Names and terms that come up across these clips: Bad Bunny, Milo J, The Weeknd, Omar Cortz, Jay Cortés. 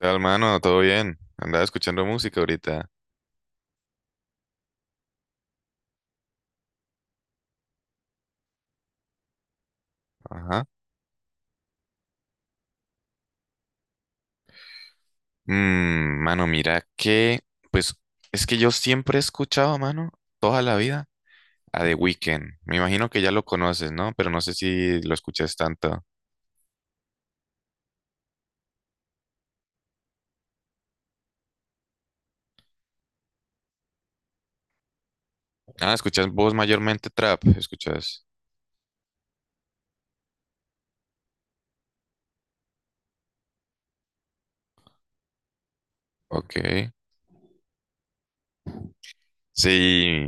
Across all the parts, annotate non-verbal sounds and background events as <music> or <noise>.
Tal, mano, todo bien. Andaba escuchando música ahorita. Ajá. Mano, mira que, pues, es que yo siempre he escuchado, mano, toda la vida a The Weeknd. Me imagino que ya lo conoces, ¿no? Pero no sé si lo escuchas tanto. Ah, escuchas vos mayormente trap, escuchas. Ok. Sí,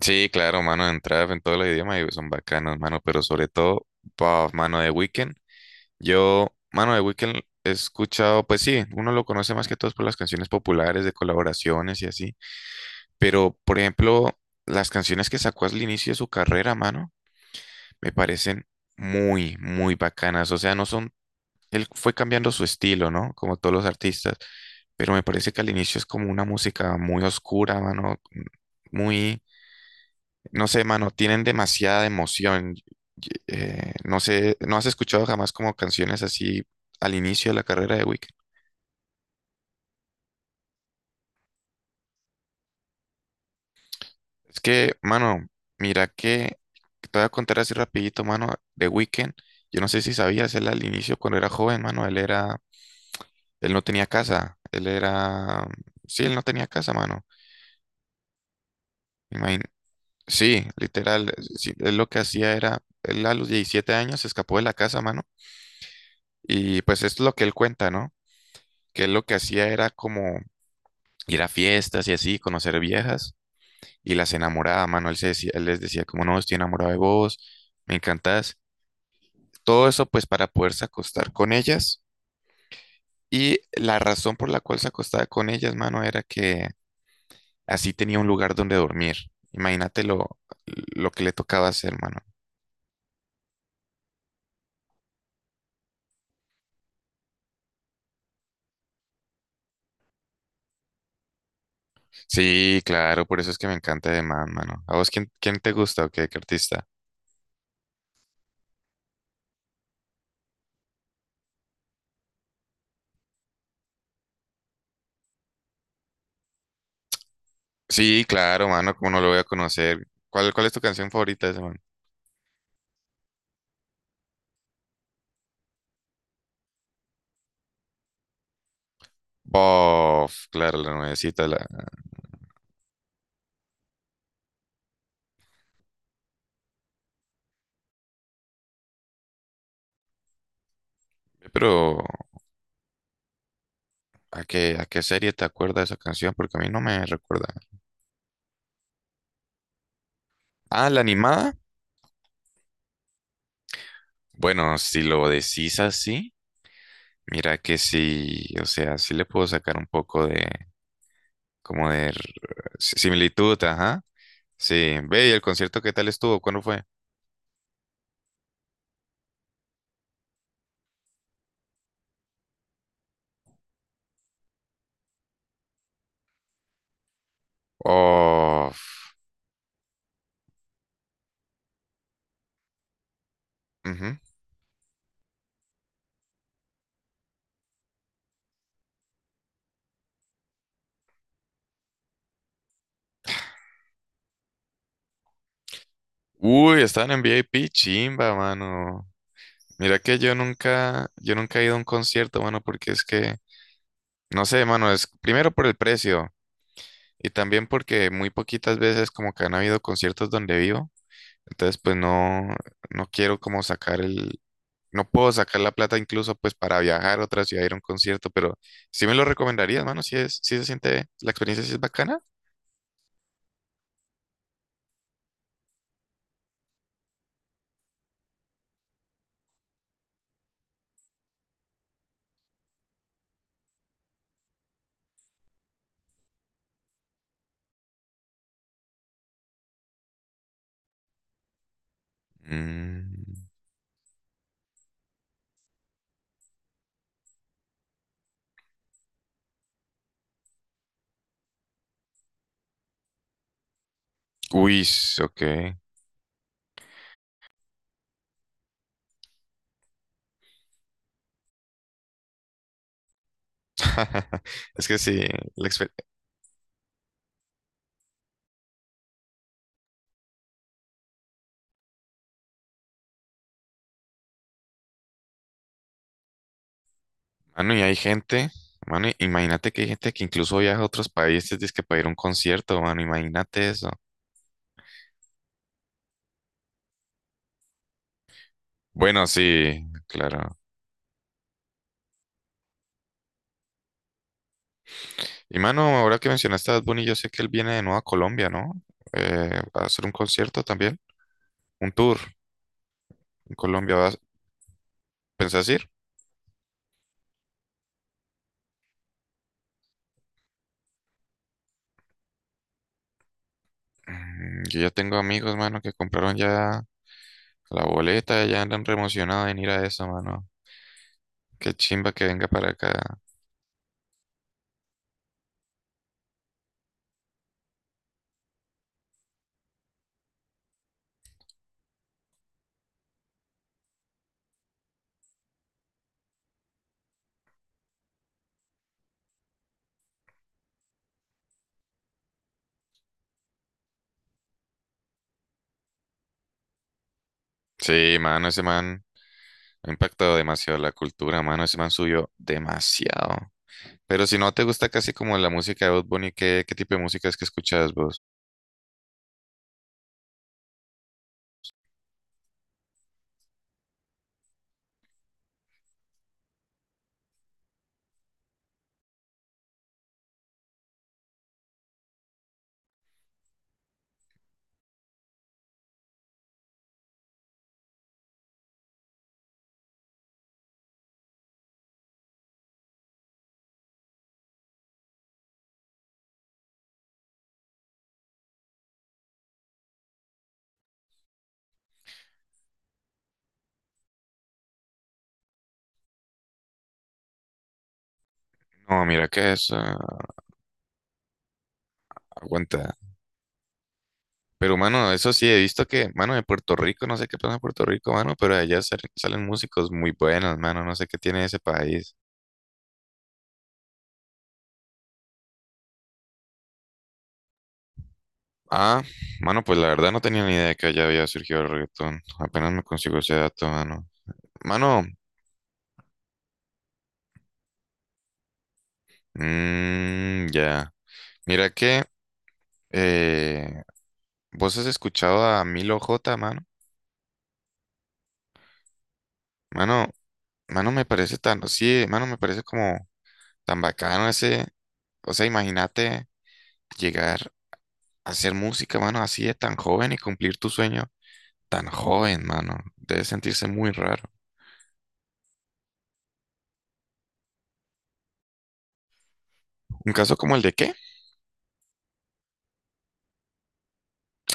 sí, claro, mano, en trap, en todos los idiomas y son bacanos, mano, pero sobre todo, bah, mano, The Weeknd. Yo, mano, de Weeknd he escuchado, pues sí, uno lo conoce más que todos por las canciones populares de colaboraciones y así, pero por ejemplo, las canciones que sacó al inicio de su carrera, mano, me parecen muy, muy bacanas. O sea, no son, él fue cambiando su estilo, ¿no? Como todos los artistas, pero me parece que al inicio es como una música muy oscura, mano, muy no sé, mano, tienen demasiada emoción. No sé, ¿no has escuchado jamás como canciones así al inicio de la carrera de Weekend? Es que, mano, mira que te voy a contar así rapidito, mano, de Weekend. Yo no sé si sabías, él al inicio cuando era joven, mano, él era, él no tenía casa, él era, sí, él no tenía casa, mano. Imagín- sí, literal, sí, él lo que hacía era, él a los 17 años se escapó de la casa, mano, y pues esto es lo que él cuenta, ¿no? Que él lo que hacía era como ir a fiestas y así, conocer viejas. Y las enamoraba, mano. Él, se decía, él les decía, como no, estoy enamorado de vos, me encantás. Todo eso, pues, para poderse acostar con ellas. Y la razón por la cual se acostaba con ellas, mano, era que así tenía un lugar donde dormir. Imagínate lo que le tocaba hacer, mano. Sí, claro, por eso es que me encanta de Man, mano. ¿A vos quién te gusta o qué artista? Sí, claro, mano, cómo no lo voy a conocer. ¿Cuál es tu canción favorita de ese man? Bof, claro, la nuevecita, la, pero, ¿a qué serie te acuerda esa canción? Porque a mí no me recuerda. Ah, la animada. Bueno, si lo decís así, mira que sí, o sea, sí le puedo sacar un poco de, como de similitud, ajá. Sí, ve, ¿y el concierto qué tal estuvo? ¿Cuándo fue? Oh, ujú. Uy, estaban en VIP, chimba, mano. Mira que yo nunca he ido a un concierto, mano, porque es que, no sé, mano, es primero por el precio. Y también porque muy poquitas veces como que han habido conciertos donde vivo. Entonces pues no, no quiero como sacar el, no puedo sacar la plata incluso pues para viajar a otra ciudad a ir a un concierto, pero sí me lo recomendarías, mano, si se siente, la experiencia sí es bacana. Mm, uy, ok. <laughs> Es que sí, la exper- mano, y hay gente, mano, imagínate que hay gente que incluso viaja a otros países, dice que para ir a un concierto, mano, imagínate eso. Bueno, sí, claro. Y mano, ahora que mencionaste a Bad Bunny, yo sé que él viene de nuevo a Colombia, ¿no? A hacer un concierto también, un tour en Colombia. ¿Vas, pensás ir? Yo ya tengo amigos, mano, que compraron ya la boleta, ya andan re emocionados en ir a eso, mano. Qué chimba que venga para acá. Sí, mano, ese man ha impactado demasiado la cultura, mano. Ese man subió demasiado. Pero si no te gusta casi como la música de Bad Bunny, ¿qué tipo de música es que escuchas vos? No, mira, ¿qué es? Ah, aguanta. Pero, mano, eso sí, he visto que, mano, de Puerto Rico, no sé qué pasa en Puerto Rico, mano, pero de allá salen músicos muy buenos, mano, no sé qué tiene ese país. Ah, mano, pues la verdad no tenía ni idea que allá había surgido el reggaetón. Apenas me consigo ese dato, mano. Mano, ya. Mira que, eh, ¿vos has escuchado a Milo J, mano? Mano, mano, me parece tan, sí, mano, me parece como tan bacano ese, o sea, imagínate llegar hacer música, mano, así de tan joven y cumplir tu sueño tan joven, mano. Debe sentirse muy raro. ¿Un caso como el de qué?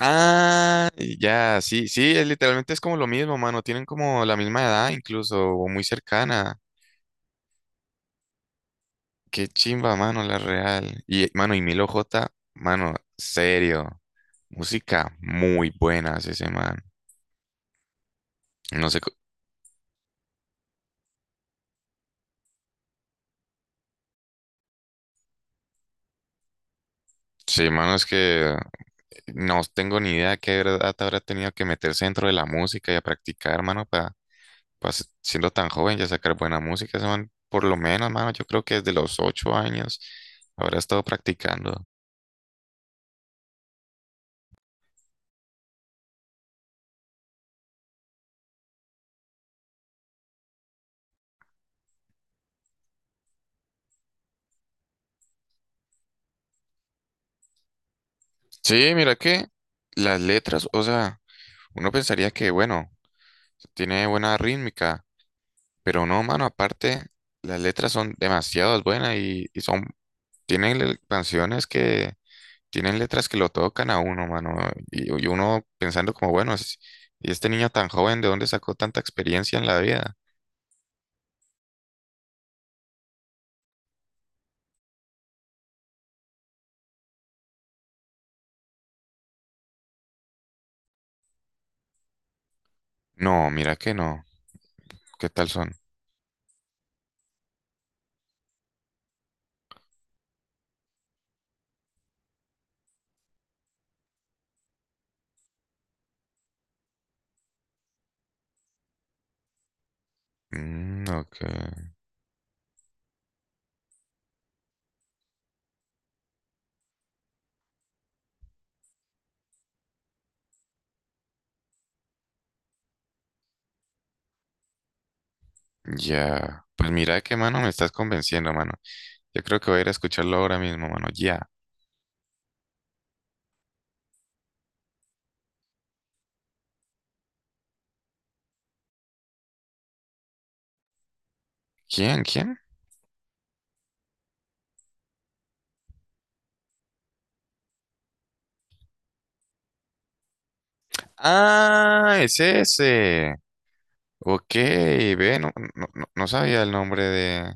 Ah, ya, sí, sí, es, literalmente es como lo mismo, mano. Tienen como la misma edad incluso, o muy cercana. Qué chimba, mano, la real. Y, mano, y Milo J, mano, serio. Música muy buena hace ese man. No sé, sí, mano, es que no tengo ni idea de qué edad habrá tenido que meterse dentro de la música y a practicar, mano, pues, siendo tan joven, ya sacar buena música, ese man, por lo menos, mano, yo creo que desde los 8 años habrá estado practicando. Sí, mira que las letras, o sea, uno pensaría que, bueno, tiene buena rítmica, pero no, mano, aparte, las letras son demasiado buenas y son, canciones que, tienen letras que lo tocan a uno, mano, y uno pensando como, bueno, y este niño tan joven, ¿de dónde sacó tanta experiencia en la vida? No, mira que no, ¿qué tal son? Mm, ok. Ya. Pues mira qué mano me estás convenciendo, mano. Yo creo que voy a ir a escucharlo ahora mismo, mano. Ya. ¿Quién? ¿Quién? Ah, es ese. Ok, ve, no, no, no no sabía el nombre de,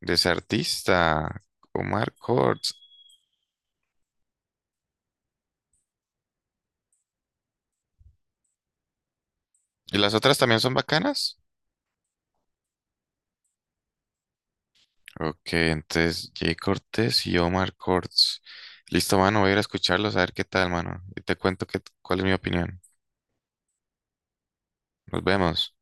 de ese artista. Omar Cortz. ¿Y las otras también son bacanas? Ok, entonces Jay Cortés y Omar Cortz. Listo, mano, voy a ir a escucharlos a ver qué tal, mano. Y te cuento cuál es mi opinión. Nos vemos.